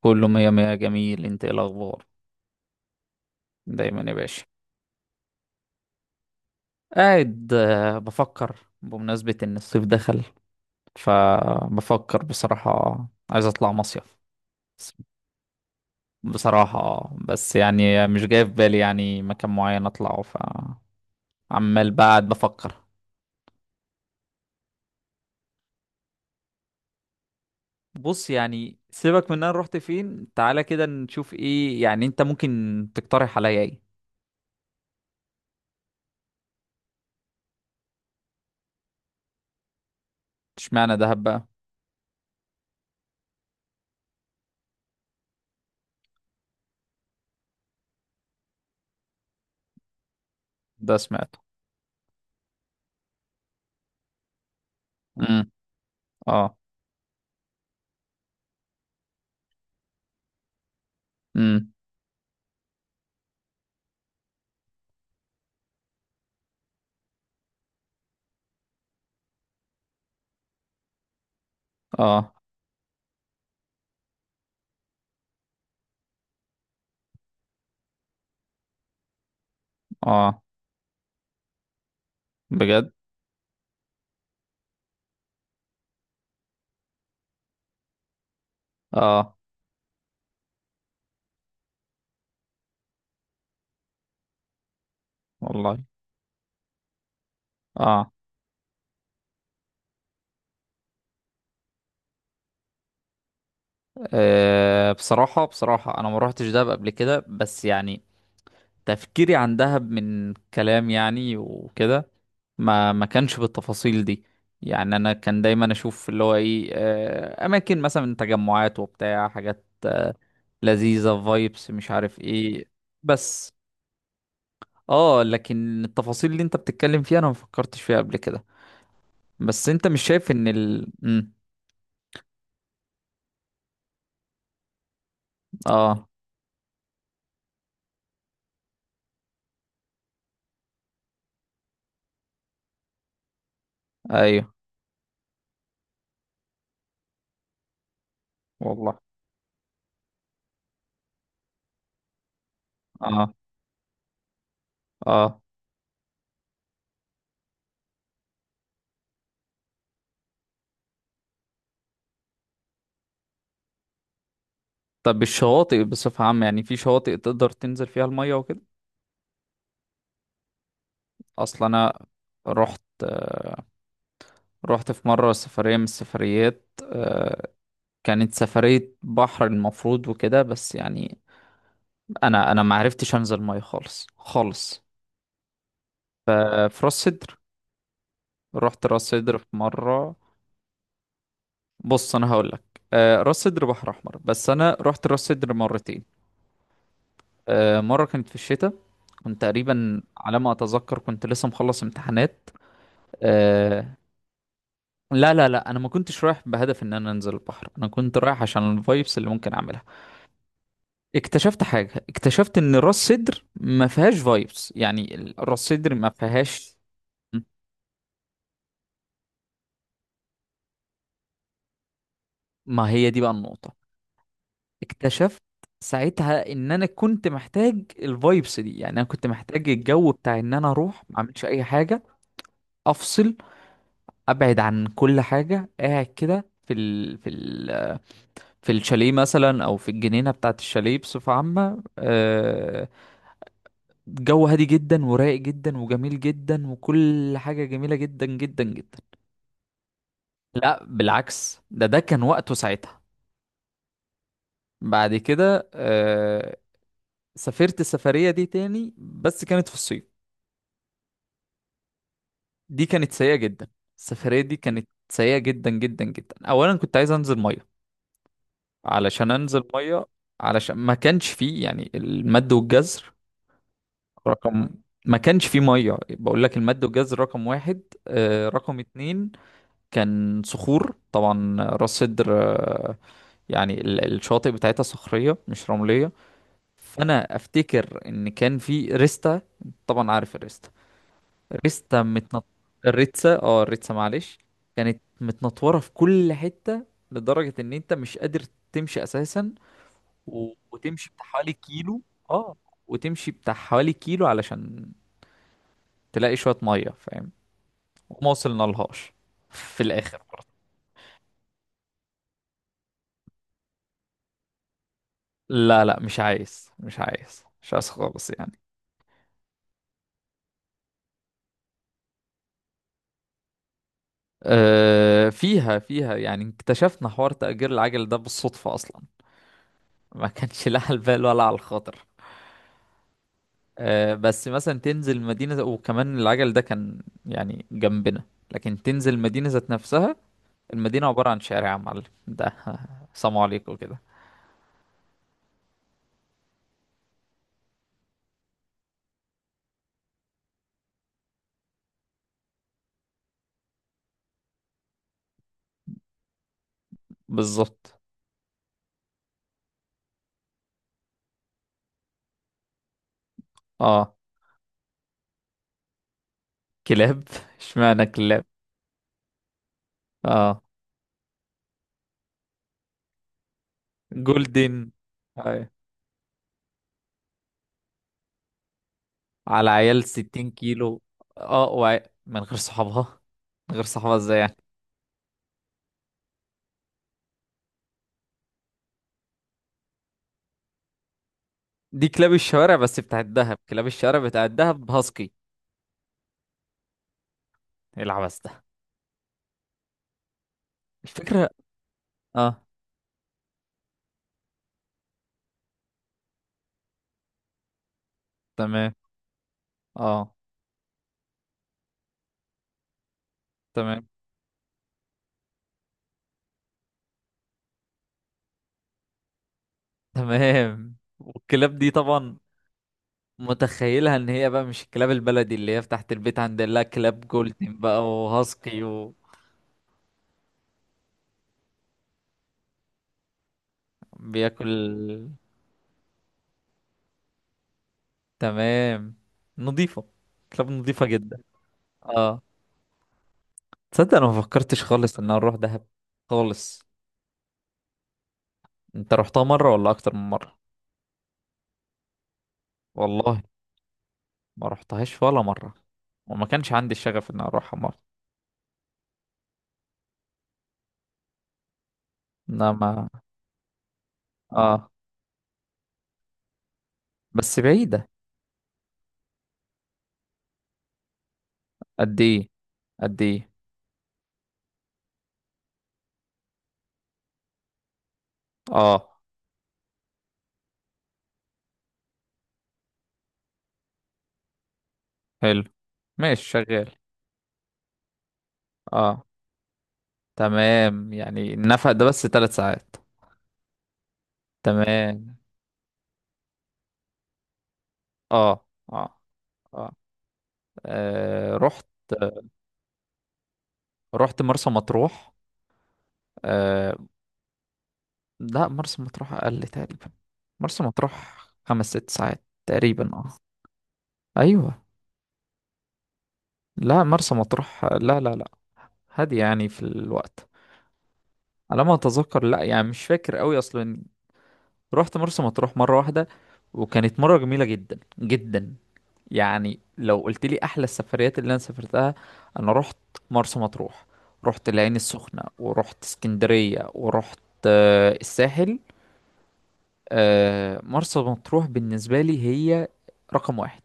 كله مية مية جميل. انت ايه الاخبار؟ دايما يا باشا. قاعد، بفكر بمناسبة ان الصيف دخل، فبفكر بصراحة. عايز اطلع مصيف، بس- بصراحة. بس يعني مش جاي في بالي يعني مكان معين اطلعه، فعمال بعد بفكر. بص، يعني سيبك من انا رحت فين. تعالى كده نشوف، ايه يعني انت ممكن تقترح عليا؟ ايه؟ اشمعنى دهب بقى؟ ده سمعته. امم. اه. امم. اه اه، بجد. اه والله. اه. بصراحة، انا ما روحتش دهب قبل كده، بس يعني تفكيري عن دهب من كلام يعني وكده. ما كانش بالتفاصيل دي. يعني انا كان دايما اشوف اللي هو ايه، اماكن مثلا، تجمعات وبتاع حاجات لذيذة، فايبس مش عارف ايه. بس اه لكن التفاصيل اللي انت بتتكلم فيها انا ما فكرتش فيها قبل كده. بس انت مش شايف ان ال مم، اه. ايوه. والله. اه. اه. طب الشواطئ بصفة عامة، يعني في شواطئ تقدر تنزل فيها المية وكده؟ اصل انا رحت، في مرة سفرية من السفريات. كانت سفرية بحر المفروض وكده، بس يعني انا ما عرفتش انزل مية خالص خالص. في راس سدر. رحت راس سدر في مرة. بص انا هقول لك، راس سدر بحر احمر، بس انا رحت راس سدر مرتين. مرة كانت في الشتاء، كنت تقريبا على ما اتذكر كنت لسه مخلص امتحانات. آه، لا لا لا، انا ما كنتش رايح بهدف ان انا انزل البحر، انا كنت رايح عشان الفايبس اللي ممكن اعملها. اكتشفت حاجه، اكتشفت ان راس سدر ما فيهاش فايبس، يعني راس سدر ما فيهاش. ما هي دي بقى النقطه. اكتشفت ساعتها ان انا كنت محتاج الفايبس دي، يعني انا كنت محتاج الجو بتاع ان انا اروح ما اعملش اي حاجه. افصل، ابعد عن كل حاجه، قاعد كده في الشاليه مثلا، او في الجنينه بتاعه الشاليه بصفه عامه. جو هادي جدا ورايق جدا وجميل جدا، وكل حاجة جميلة جدا جدا جدا. لا بالعكس، ده كان وقته ساعتها. بعد كده سافرت السفرية دي تاني، بس كانت في الصيف. دي كانت سيئة جدا. السفرية دي كانت سيئة جدا جدا جدا. أولا كنت عايز أنزل مية، علشان أنزل مية، علشان ما كانش فيه يعني المد والجزر رقم ما كانش فيه مية، بقول لك المد والجزر رقم واحد. رقم اتنين، كان صخور طبعا راس سدر. يعني الشواطئ بتاعتها صخرية مش رملية. فأنا أفتكر إن كان في ريستا، طبعا عارف الريستا. ريستا متنط الريتسا، الريتسا معلش، كانت متنطورة في كل حتة، لدرجة إن أنت مش قادر تمشي أساسا. وتمشي بتاع حوالي كيلو. اه وتمشي بتاع حوالي كيلو علشان تلاقي شوية مية، فاهم؟ وما وصلنا لهاش في الآخر. لا لا، مش عايز مش عايز مش عايز خالص يعني. فيها، يعني اكتشفنا حوار تأجير العجل ده بالصدفة أصلا. ما كانش لا على البال ولا على الخاطر. بس مثلا تنزل مدينة وكمان العجل ده كان يعني جنبنا، لكن تنزل مدينة ذات نفسها، المدينة عبارة عن شارع يا معلم ده. سلام عليكم كده. بالظبط. اه كلاب. اشمعنى كلاب؟ اه جولدن. على عيال 60 كيلو. اه من غير صحابها. من غير صحابها ازاي يعني؟ دي كلاب الشوارع، بس بتاعت دهب. كلاب الشوارع بتاعت دهب هاسكي. إيه العبث ده؟ الفكرة، اه تمام، اه تمام تمام والكلاب دي طبعا متخيلها ان هي بقى مش الكلاب البلدي اللي هي تحت البيت، عند لا كلاب جولدن بقى وهاسكي. وبياكل. تمام. نظيفة. كلاب نظيفة جدا. اه تصدق انا ما فكرتش خالص ان انا اروح دهب خالص. انت رحتها مرة ولا اكتر من مرة؟ والله ما رحتهاش ولا مرة، وما كانش عندي الشغف ان اروحها مرة. انما اه بس بعيدة. قد ايه؟ قد ايه؟ اه حلو. ماشي، شغال. اه تمام، يعني النفق ده بس ثلاث ساعات. تمام. اه اه اه، آه. رحت، رحت مرسى مطروح. آه. لا مرسى مطروح اقل تقريبا. مرسى مطروح خمس ست ساعات تقريبا، اه. ايوه. لا مرسى مطروح، لا لا لا، هادية يعني في الوقت، على ما اتذكر، لا يعني مش فاكر قوي اصلا. رحت مرسى مطروح مرة واحدة، وكانت مرة جميلة جدا جدا. يعني لو قلت لي احلى السفريات اللي انا سافرتها، انا رحت مرسى مطروح، رحت العين السخنة، ورحت اسكندرية، ورحت الساحل. مرسى مطروح بالنسبة لي هي رقم واحد.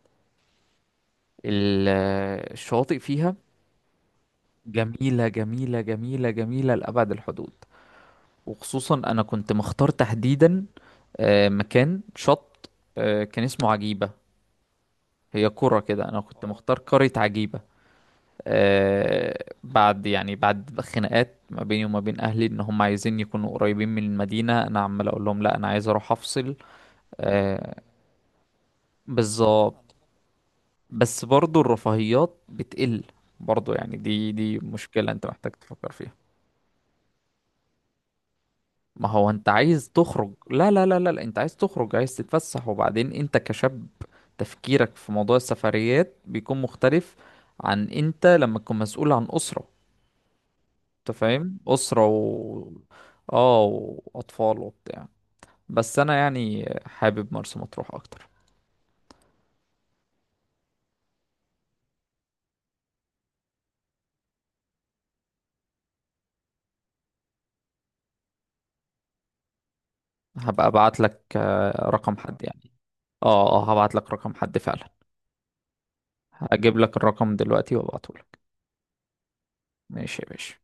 الشواطئ فيها جميلة جميلة جميلة جميلة لأبعد الحدود. وخصوصا انا كنت مختار تحديدا مكان شط. كان اسمه عجيبة. هي قرى كده، انا كنت مختار قرية عجيبة. بعد يعني بعد خناقات ما بيني وما بين اهلي ان هم عايزين يكونوا قريبين من المدينة، انا عمال اقول لهم لا، انا عايز اروح افصل. آه، بالظبط. بس برضو الرفاهيات بتقل، برضو يعني دي مشكلة انت محتاج تفكر فيها. ما هو انت عايز تخرج. لا لا لا لا لا، انت عايز تخرج، عايز تتفسح، وبعدين انت كشاب تفكيرك في موضوع السفريات بيكون مختلف عن انت لما تكون مسؤول عن أسرة. انت فاهم، أسرة و، اه، وأطفال وبتاع. بس انا يعني حابب مرسى مطروح اكتر. هبقى ابعت لك رقم حد يعني. اه اه، هبعت لك رقم حد فعلا. هجيب لك الرقم دلوقتي وابعته لك. ماشي يا باشا.